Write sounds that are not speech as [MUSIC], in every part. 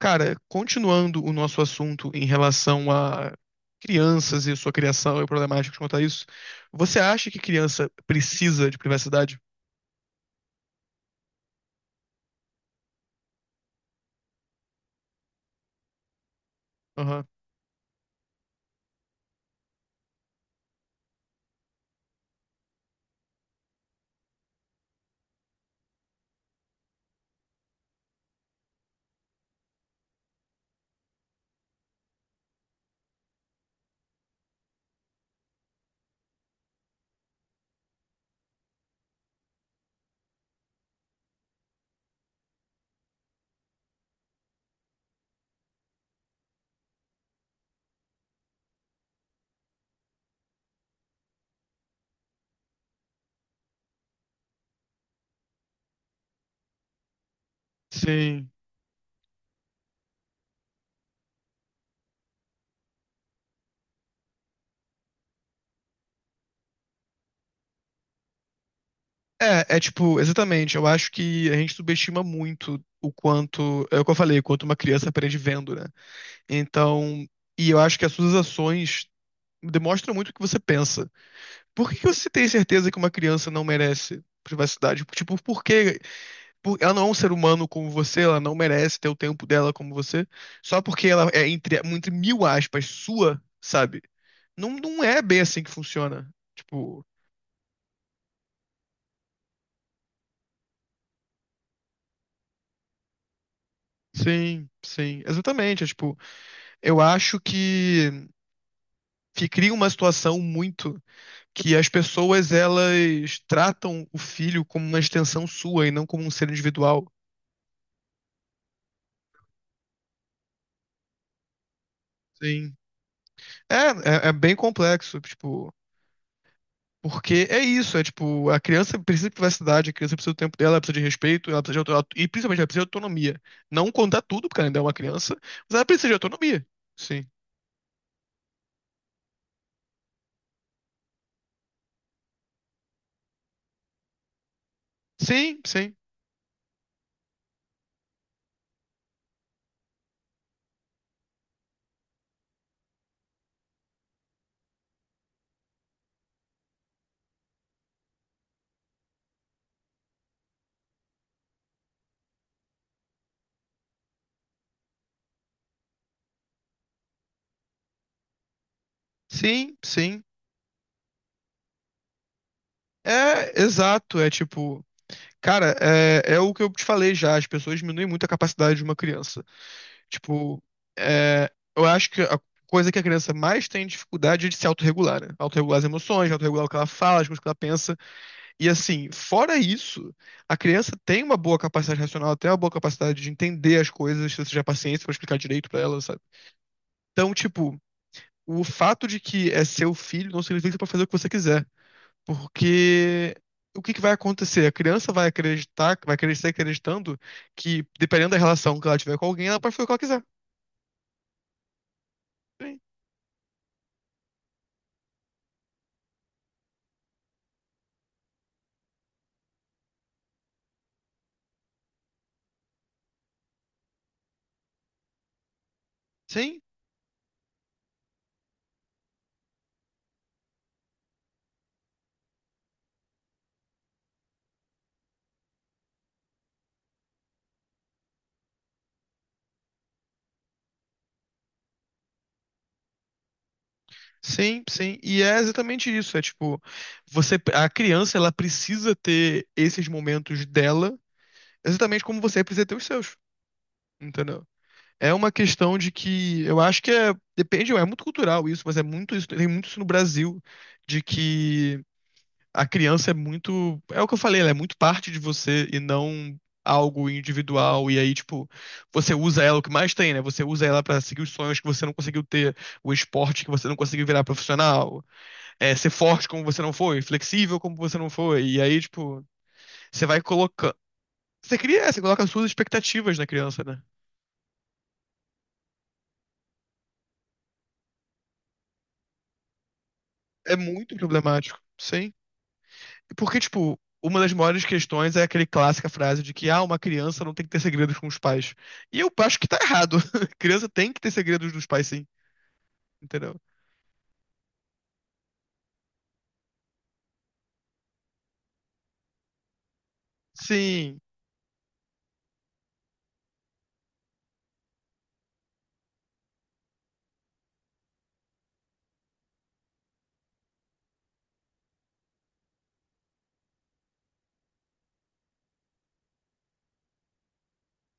Cara, continuando o nosso assunto em relação a crianças e sua criação e problemáticas quanto a isso, você acha que criança precisa de privacidade? Aham. Sim. É tipo, exatamente. Eu acho que a gente subestima muito o quanto, é o que eu falei, o quanto uma criança aprende vendo, né? Então, e eu acho que as suas ações demonstram muito o que você pensa. Por que que você tem certeza que uma criança não merece privacidade? Tipo, por quê? Ela não é um ser humano como você, ela não merece ter o tempo dela como você, só porque ela é entre mil aspas sua, sabe? Não, não é bem assim que funciona. Tipo, sim, sim, exatamente. É, tipo, eu acho que cria uma situação muito que as pessoas elas tratam o filho como uma extensão sua e não como um ser individual. Sim. É bem complexo, tipo. Porque é isso, é tipo, a criança precisa de privacidade, a criança precisa do tempo dela, ela precisa de respeito, ela precisa de autonomia, e principalmente ela precisa de autonomia. Não contar tudo, porque ela ainda é uma criança, mas ela precisa de autonomia. Sim. Sim, sim. Sim, sim. É, exato, é tipo, cara, é o que eu te falei já, as pessoas diminuem muito a capacidade de uma criança. Tipo, é, eu acho que a coisa que a criança mais tem dificuldade é de se autorregular, né? Autorregular as emoções, autorregular o que ela fala, as coisas que ela pensa. E assim, fora isso, a criança tem uma boa capacidade racional, até uma boa capacidade de entender as coisas, se você tiver paciência pra explicar direito pra ela, sabe? Então, tipo, o fato de que é seu filho não significa que você pode fazer o que você quiser, porque o que que vai acontecer? A criança vai acreditar, vai crescer acreditando que, dependendo da relação que ela tiver com alguém, ela pode fazer o que ela quiser. Sim, sim, sim. Sim. E é exatamente isso, é tipo, você, a criança, ela precisa ter esses momentos dela exatamente como você precisa ter os seus, entendeu? É uma questão de que eu acho que é, depende, é muito cultural isso, mas é muito isso, tem muito isso no Brasil, de que a criança é muito, é o que eu falei, ela é muito parte de você e não algo individual, e aí, tipo, você usa ela o que mais tem, né? Você usa ela pra seguir os sonhos que você não conseguiu ter, o esporte que você não conseguiu virar profissional, é, ser forte como você não foi, flexível como você não foi, e aí, tipo, você vai colocando, você cria, você coloca as suas expectativas na criança, né? É muito problemático, sim. Porque, tipo, uma das maiores questões é aquele clássica frase de que, ah, uma criança não tem que ter segredos com os pais. E eu acho que tá errado. [LAUGHS] Criança tem que ter segredos dos pais, sim. Entendeu? Sim,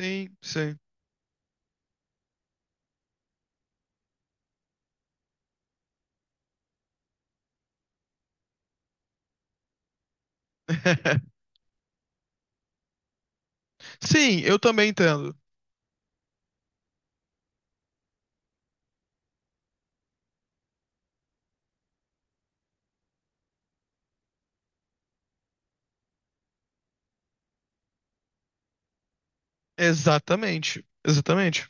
sim, sim. [LAUGHS] Sim, eu também entendo. Exatamente, exatamente.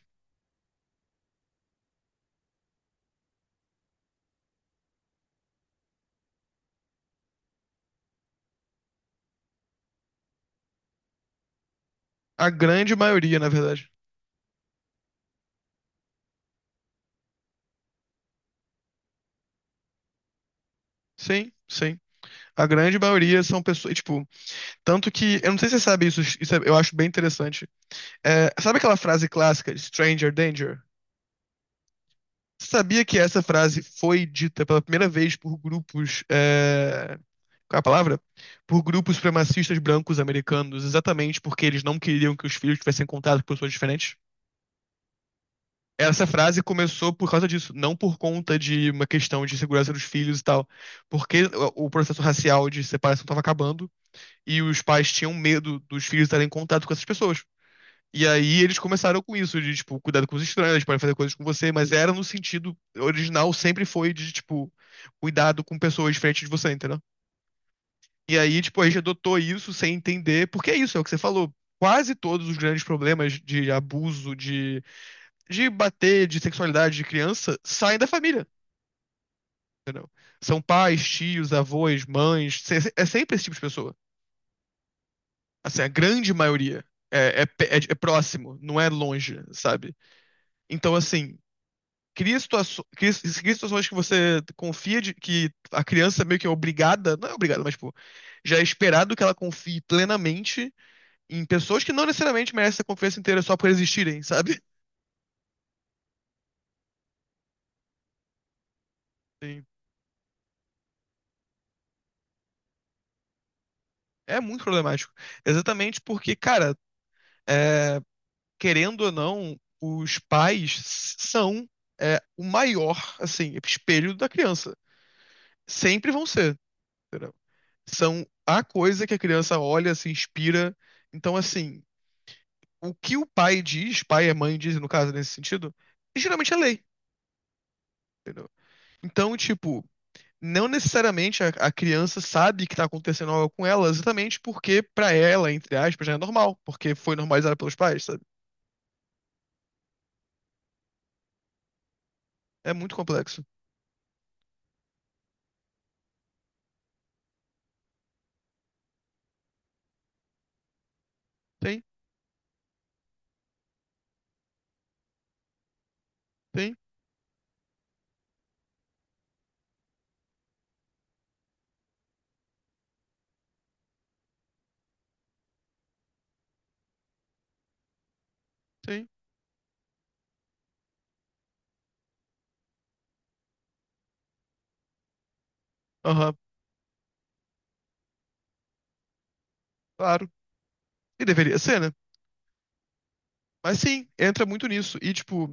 A grande maioria, na verdade. Sim, sim. A grande maioria são pessoas, tipo, tanto que, eu não sei se você sabe isso, eu acho bem interessante. É, sabe aquela frase clássica, Stranger Danger? Sabia que essa frase foi dita pela primeira vez por grupos. É... Qual é a palavra? Por grupos supremacistas brancos americanos, exatamente porque eles não queriam que os filhos tivessem contato com pessoas diferentes. Essa frase começou por causa disso, não por conta de uma questão de segurança dos filhos e tal, porque o processo racial de separação estava acabando e os pais tinham medo dos filhos estarem em contato com essas pessoas. E aí eles começaram com isso, de, tipo, cuidado com os estranhos, eles podem fazer coisas com você, mas era no sentido original, sempre foi de, tipo, cuidado com pessoas diferentes de você, entendeu? E aí, tipo, a gente adotou isso sem entender, porque é isso, é o que você falou. Quase todos os grandes problemas de abuso, de bater, de sexualidade de criança, saem da família. São pais, tios, avós, mães, é sempre esse tipo de pessoa. Assim, a grande maioria é próximo, não é longe, sabe? Então, assim, cria situações que você confia de, que a criança meio que é obrigada, não é obrigada, mas tipo, já é esperado que ela confie plenamente em pessoas que não necessariamente merecem a confiança inteira só por existirem, sabe? Sim. É muito problemático. Exatamente porque, cara, é, querendo ou não, os pais são é, o maior, assim, espelho da criança. Sempre vão ser, entendeu? São a coisa que a criança olha, se inspira. Então, assim, o que o pai diz, pai e mãe dizem, no caso, nesse sentido, geralmente é lei, entendeu? Então, tipo, não necessariamente a criança sabe que tá acontecendo algo com ela, exatamente porque pra ela, entre aspas, já é normal, porque foi normalizada pelos pais, sabe? É muito complexo. Tem, tem, tem. Aham, claro. E deveria ser, né? Mas sim, entra muito nisso. E, tipo,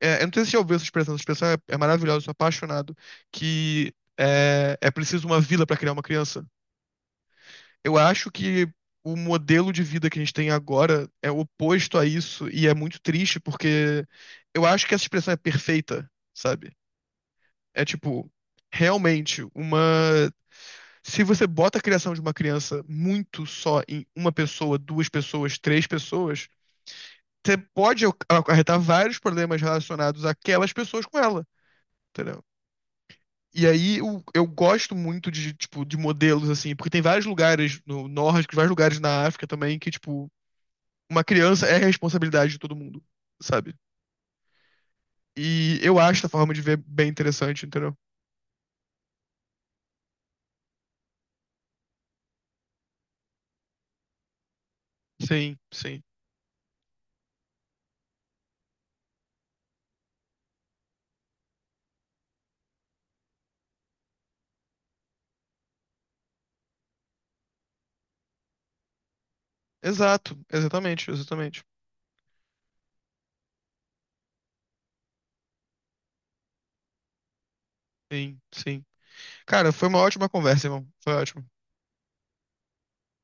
é, eu não sei se você já ouviu essa expressão é maravilhosa, eu sou apaixonado, que é preciso uma vila pra criar uma criança. Eu acho que o modelo de vida que a gente tem agora é oposto a isso e é muito triste porque eu acho que essa expressão é perfeita, sabe? É tipo, realmente, uma. Se você bota a criação de uma criança muito só em uma pessoa, duas pessoas, três pessoas, você pode acarretar vários problemas relacionados àquelas pessoas com ela, entendeu? E aí eu gosto muito de, tipo, de modelos, assim, porque tem vários lugares no norte, vários lugares na África também que, tipo, uma criança é responsabilidade de todo mundo, sabe? E eu acho essa forma de ver bem interessante, entendeu? Sim, sim. Exato, exatamente, exatamente. Sim, sim. Cara, foi uma ótima conversa, irmão. Foi ótimo.